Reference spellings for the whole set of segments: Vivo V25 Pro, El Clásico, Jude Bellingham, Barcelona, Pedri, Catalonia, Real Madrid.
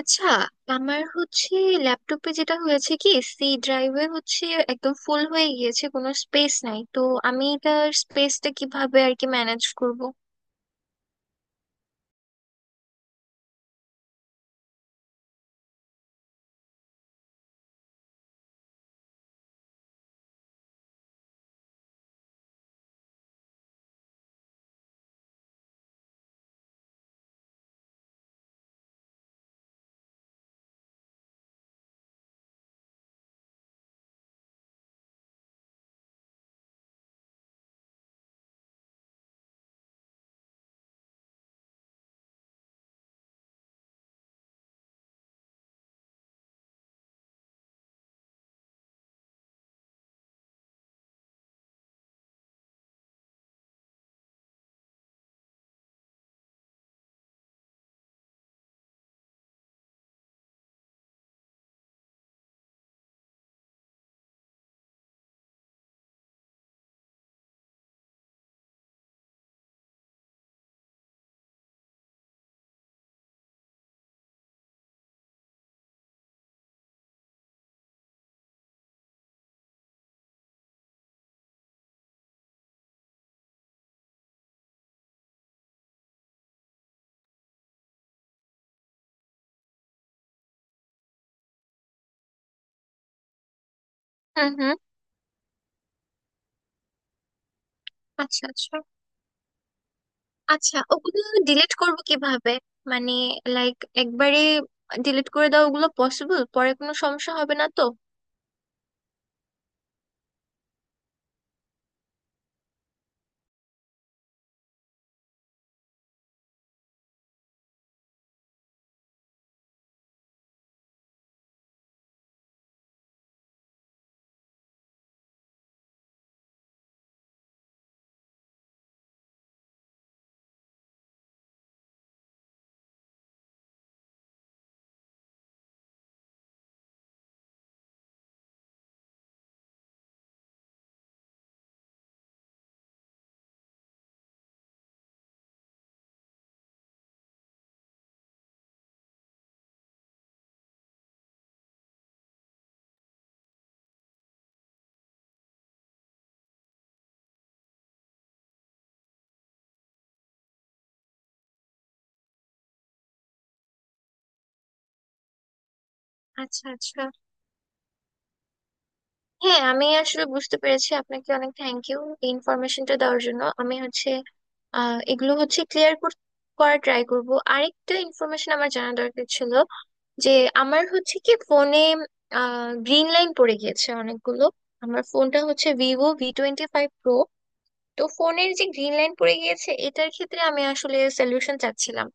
আচ্ছা, আমার হচ্ছে ল্যাপটপে যেটা হয়েছে কি, সি ড্রাইভে হচ্ছে একদম ফুল হয়ে গিয়েছে, কোনো স্পেস নাই। তো আমি এটার স্পেসটা কিভাবে আর কি ম্যানেজ করব? হুম, হুম। আচ্ছা, আচ্ছা। আচ্ছা, ওগুলো ডিলিট করব কিভাবে? মানে, লাইক, একবারে ডিলিট করে দাও ওগুলো পসিবল? পরে কোনো সমস্যা হবে না তো? আচ্ছা, আচ্ছা। হ্যাঁ, আমি আসলে বুঝতে পেরেছি, আপনাকে অনেক থ্যাংক ইউ এই ইনফরমেশনটা দেওয়ার জন্য। আমি হচ্ছে এগুলো হচ্ছে ক্লিয়ার করার ট্রাই করব। আরেকটা ইনফরমেশন আমার জানা দরকার ছিল যে আমার হচ্ছে কি ফোনে গ্রিন লাইন পড়ে গিয়েছে অনেকগুলো। আমার ফোনটা হচ্ছে ভিভো V25 প্রো। তো ফোনের যে গ্রিন লাইন পড়ে গিয়েছে এটার ক্ষেত্রে আমি আসলে সলিউশন চাচ্ছিলাম।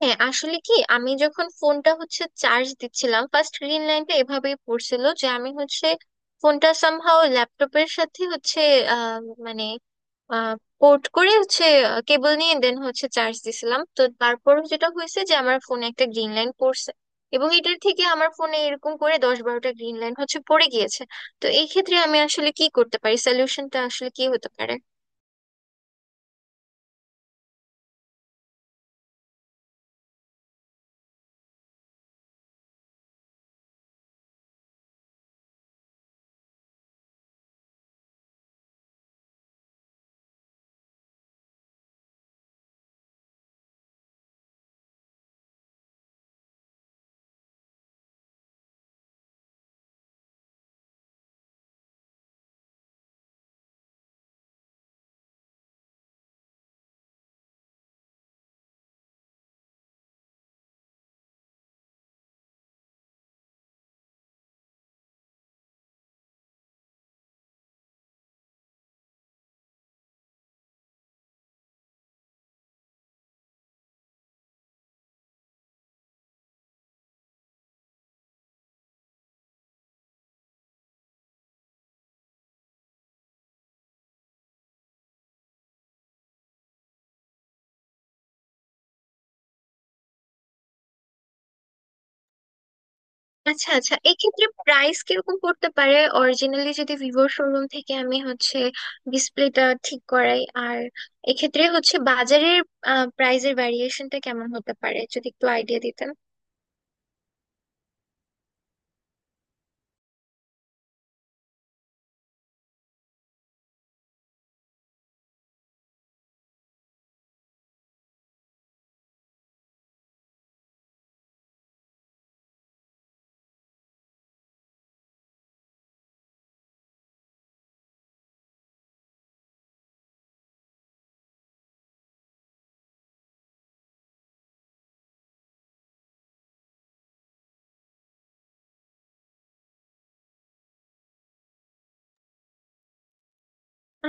হ্যাঁ, আসলে কি, আমি যখন ফোনটা হচ্ছে চার্জ দিচ্ছিলাম, ফার্স্ট গ্রিন লাইনটা এভাবেই পড়ছিল যে আমি হচ্ছে ফোনটা সামহাও ল্যাপটপের সাথে হচ্ছে আহ, মানে পোর্ট করে হচ্ছে কেবল নিয়ে দেন হচ্ছে চার্জ দিছিলাম। তো তারপর যেটা হয়েছে যে আমার ফোনে একটা গ্রিন লাইন পড়ছে, এবং এটার থেকে আমার ফোনে এরকম করে 10-12টা গ্রিন লাইন হচ্ছে পড়ে গিয়েছে। তো এই ক্ষেত্রে আমি আসলে কি করতে পারি, সলিউশনটা আসলে কি হতে পারে? আচ্ছা, আচ্ছা। এক্ষেত্রে প্রাইস কিরকম পড়তে পারে অরিজিনালি যদি ভিভোর শোরুম থেকে আমি হচ্ছে ডিসপ্লেটা ঠিক করাই, আর এক্ষেত্রে হচ্ছে বাজারের প্রাইসের ভ্যারিয়েশনটা কেমন হতে পারে যদি একটু আইডিয়া দিতেন।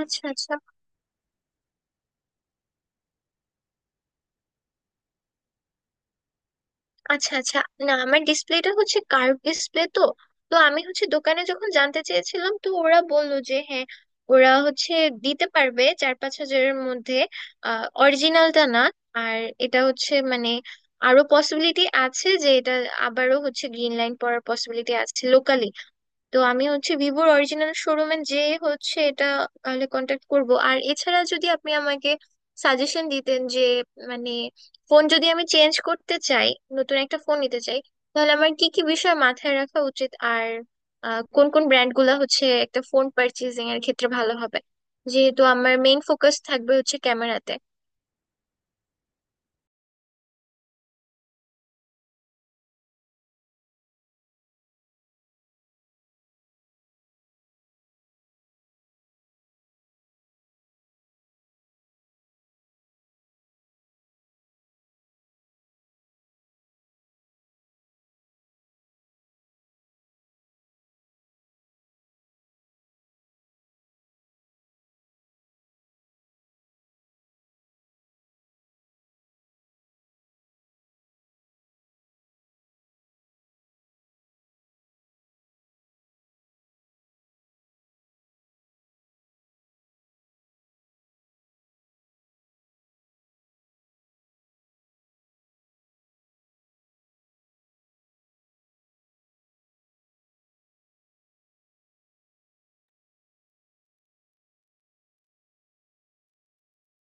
আচ্ছা, আচ্ছা। আচ্ছা, আচ্ছা। না, আমার ডিসপ্লেটা হচ্ছে কার্ভ ডিসপ্লে তো। তো আমি হচ্ছে দোকানে যখন জানতে চেয়েছিলাম তো ওরা বললো যে হ্যাঁ, ওরা হচ্ছে দিতে পারবে 4-5 হাজারের মধ্যে। অরিজিনালটা না। আর এটা হচ্ছে মানে আরো পসিবিলিটি আছে যে এটা আবারও হচ্ছে গ্রিন লাইন পড়ার পসিবিলিটি আছে লোকালি। তো আমি হচ্ছে ভিভোর অরিজিনাল শোরুমে যে হচ্ছে এটা, তাহলে কন্ট্যাক্ট করব। আর এছাড়া যদি আপনি আমাকে সাজেশন দিতেন যে মানে ফোন যদি আমি চেঞ্জ করতে চাই, নতুন একটা ফোন নিতে চাই, তাহলে আমার কি কি বিষয় মাথায় রাখা উচিত, আর কোন কোন ব্র্যান্ড গুলা হচ্ছে একটা ফোন পারচেজিং এর ক্ষেত্রে ভালো হবে, যেহেতু আমার মেইন ফোকাস থাকবে হচ্ছে ক্যামেরাতে।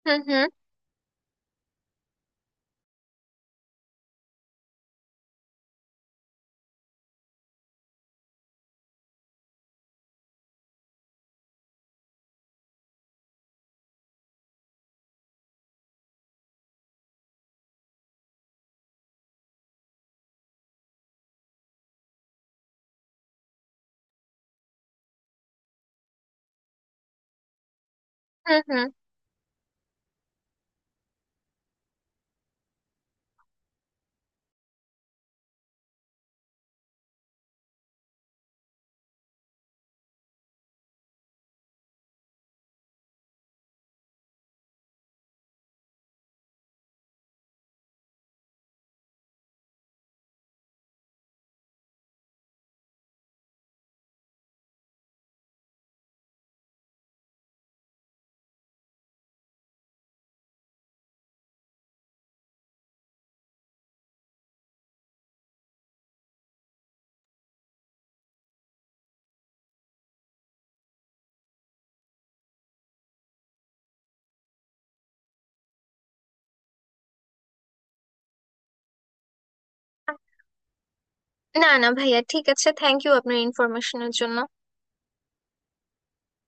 হুম, হুম। হুম, হুম। না না ভাইয়া, ঠিক আছে, থ্যাংক ইউ আপনার ইনফরমেশনের জন্য।